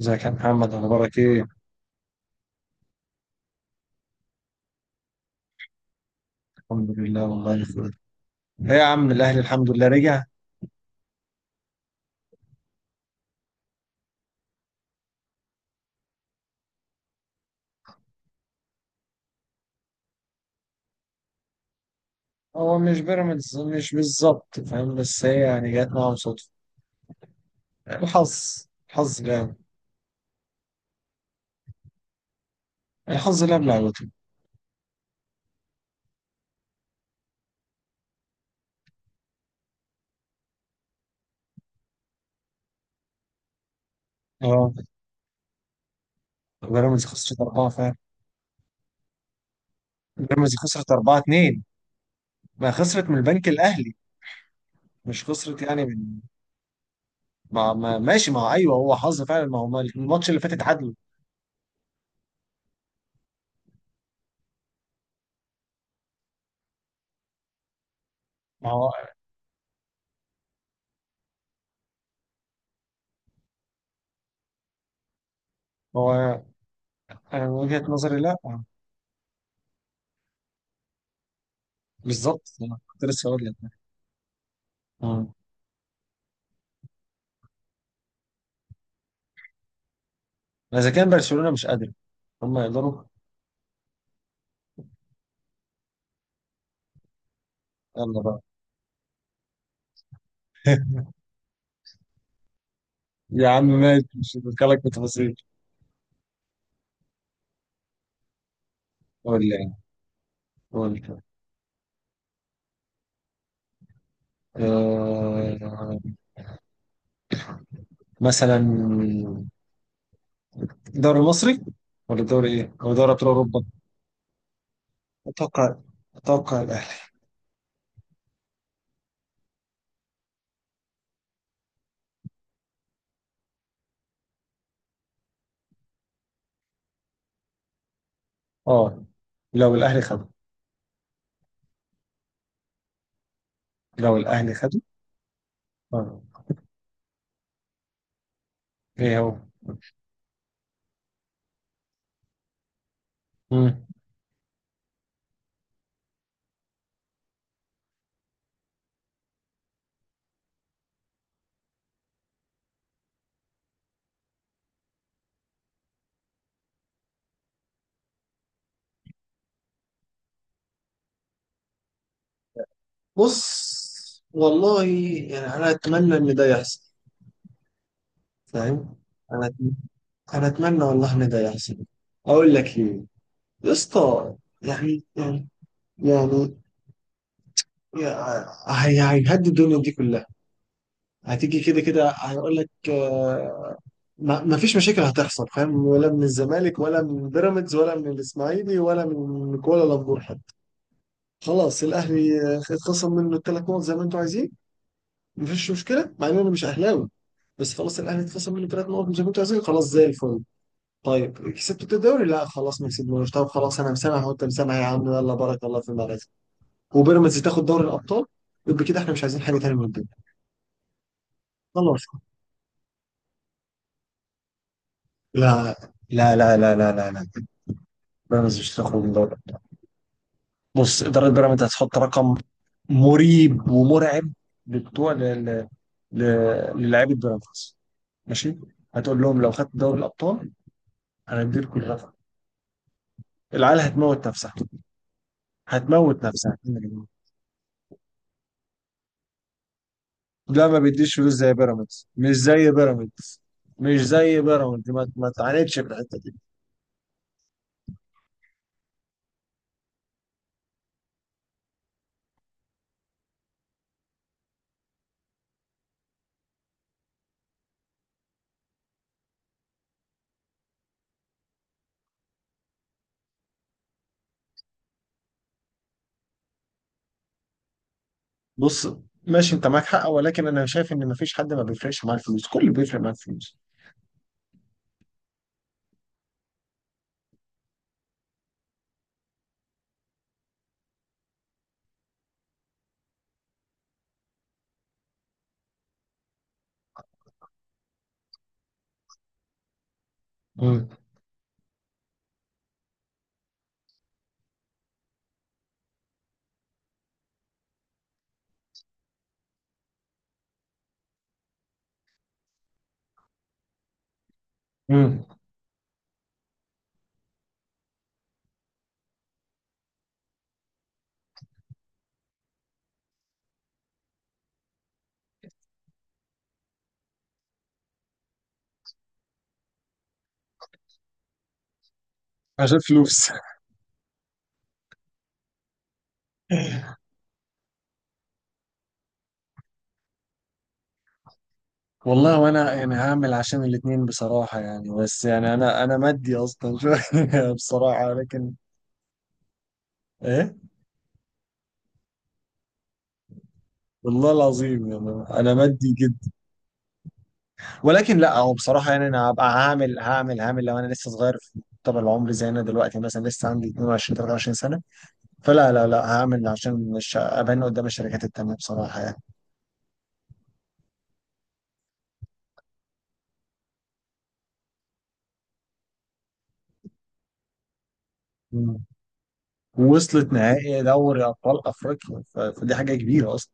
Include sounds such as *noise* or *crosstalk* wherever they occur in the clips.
ازيك يا محمد، اخبارك ايه؟ الحمد لله والله بخير. ايه يا عم الاهلي الحمد لله رجع. هو مش بيراميدز، مش بالظبط فاهم، بس هي يعني جت معاهم صدفه. الحظ الحظ لعب الحظ لعب لعبته. اه، بيراميدز خسرت اربعه فعلا. بيراميدز خسرت 4-2، ما خسرت من البنك الاهلي. مش خسرت يعني من. ما ما ماشي، ما هو ايوه، هو حظ فعلا، ما هو الماتش اللي فات اتعادلوا. ما هو ما هو انا من وجهه نظري لا. بالظبط أنا كنت لسه هقول لك، ما اذا كان برشلونه مش قادر هم يقدروا. يلا بقى. *laughs* يا عم ماشي، مش هدخلك في تفاصيل. قول لي يعني، قول لي. آه، مثلا دوري مصري ولا دوري ايه؟ او دوري ابطال اوروبا. اتوقع اتوقع الاهلي. اه، لو الاهلي خده لو الاهلي خده. اه، ايه هو؟ مم. بص والله، يعني انا اتمنى ان ده يحصل، فاهم؟ انا أت- انا اتمنى والله ان ده يحصل. اقول لك ليه؟ يا اسطى. يعني يعني يعني، هي هيهدي الدنيا دي كلها. هتيجي كده كده هيقول لك، ما فيش مشاكل هتحصل، فاهم؟ ولا من الزمالك، ولا من بيراميدز، ولا من الاسماعيلي، ولا من كوالا لامبور حتى. خلاص الاهلي اتخصم منه الثلاث نقط زي ما انتوا عايزين. ما فيش مشكله مع ان انا مش اهلاوي. بس خلاص الاهلي اتخصم منه ثلاث نقط زي ما انتوا عايزين، خلاص زي الفل. طيب كسبتوا الدوري؟ لا خلاص ما كسبناش. طب خلاص انا مسامح وانت مسامح يا عم، يلا بارك الله في المدرسه. وبيراميدز تاخد دوري الابطال. يبقى كده احنا مش عايزين حاجه تانيه من الدنيا. خلاص. لا لا لا لا لا لا لا، بيراميدز مش هتخرج من دوري الابطال. بص، اداره بيراميدز هتحط رقم مريب ومرعب لبتوع ل- ل- للاعيبه بيراميدز، ماشي. هتقول لهم لو خدت دوري الابطال، انا هديلكم الرقم، العيال هتموت نفسها هتموت نفسها. لا، ما بيديش فلوس زي بيراميدز، مش زي بيراميدز. ما تعاندش في الحته دي. بص، ماشي انت معاك حق، ولكن انا شايف ان مفيش حد ما بيفرقش معاه الفلوس، كله بيفرق معاه الفلوس. مم. امم. عشان فلوس. *laughs* والله وانا يعني هعمل عشان الاتنين بصراحة، يعني بس يعني انا مادي اصلا *laughs* شوية بصراحة لكن. ايه. والله العظيم يعني انا مادي جدا. ولكن لا، هو بصراحة يعني انا هبقى هعمل لو انا لسه صغير في طب العمر، زي انا دلوقتي مثلا لسه عندي 22 23 سنة. فلا لا لا هعمل عشان مش ابان قدام الشركات التانية بصراحة. يعني ووصلت نهائي دوري ابطال افريقيا، فدي حاجه كبيره اصلا.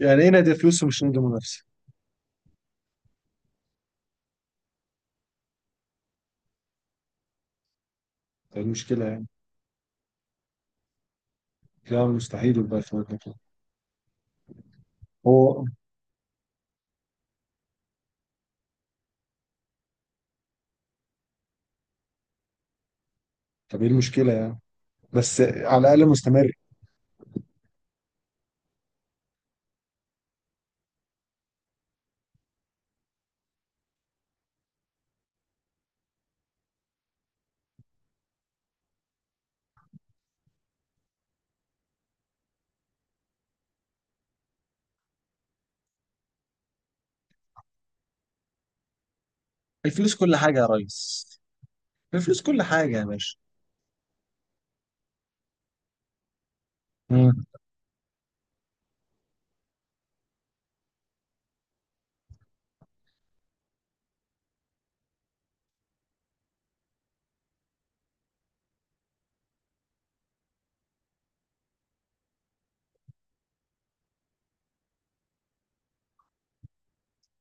يعني ايه نادي فلوس ومش نادي منافسه؟ ده المشكله يعني. لا مستحيل يبقى في نادي كده. هو طب ايه المشكله يعني؟ بس على الاقل مستمر. الفلوس كل حاجه يا ريس، الفلوس كل حاجه يا باشا. امم.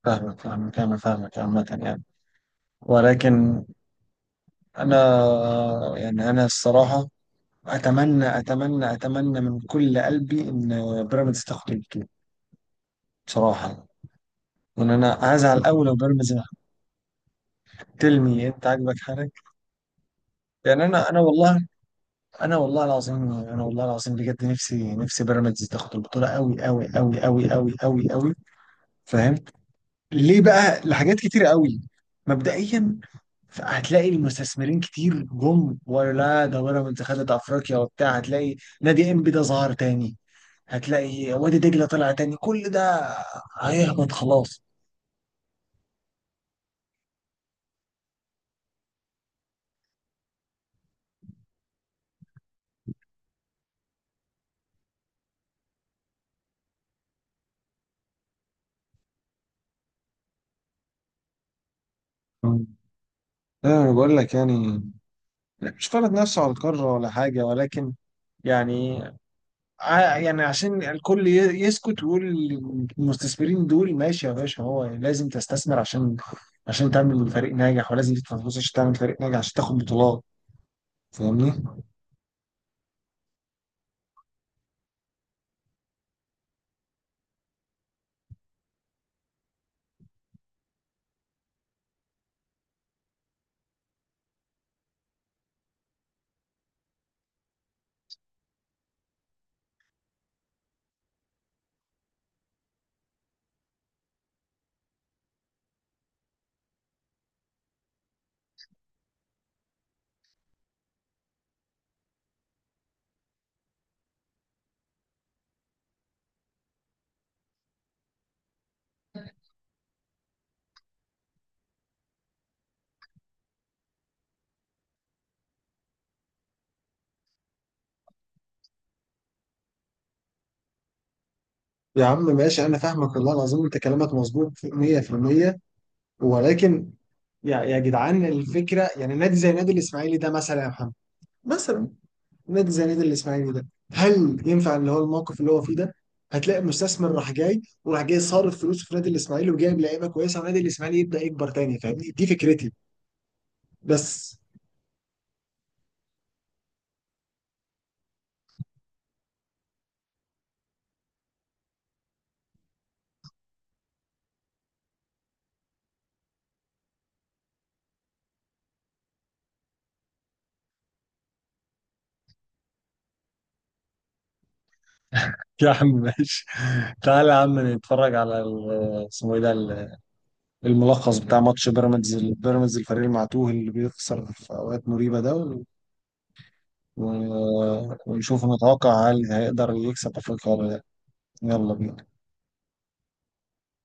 فاهمك أنا فاهمك عامة يعني. ولكن أنا، يعني أنا الصراحة أتمنى أتمنى أتمنى من كل قلبي إن بيراميدز تاخد البطولة بصراحة. وإن أنا هزعل أوي لو بيراميدز تلمي. انت عاجبك حالك. يعني انا والله، انا والله العظيم انا والله العظيم بجد، نفسي نفسي بيراميدز تاخد البطوله قوي قوي قوي قوي قوي قوي قوي. فاهم. ليه بقى؟ لحاجات كتير قوي. مبدئيا، هتلاقي المستثمرين كتير جم، ولا ده بيراميدز خدت افريقيا وبتاع. هتلاقي نادي انبي ده ظهر تاني، هتلاقي وادي دجله طلع تاني، كل ده هيهبط خلاص. مم. انا بقول لك يعني، لا، مش فرض نفسه على القاره ولا حاجه، ولكن يعني يعني عشان الكل يسكت ويقول. المستثمرين دول، ماشي يا باشا، هو لازم تستثمر عشان تعمل فريق ناجح، ولازم تدفع فلوس عشان تعمل فريق ناجح عشان تاخد بطولات. فاهمني؟ يا عم ماشي، انا فاهمك والله العظيم، انت كلامك مظبوط 100%. ولكن يا جدعان الفكره، يعني نادي زي نادي الاسماعيلي ده مثلا يا محمد. مثلا نادي زي نادي الاسماعيلي ده، هل ينفع اللي هو الموقف اللي هو فيه ده؟ هتلاقي مستثمر راح جاي وراح جاي صارف فلوس في نادي الاسماعيلي، وجايب لعيبه كويسه، ونادي الاسماعيلي يبدا يكبر تاني. فاهمني؟ دي فكرتي بس. يا عم ماشي، تعالى يا عم نتفرج على اسمه ايه ده، الملخص بتاع ماتش بيراميدز، الفريق المعتوه اللي بيخسر في اوقات مريبة ده. ونشوف نتوقع هل هيقدر يكسب افريقيا ولا لا. يلا بينا.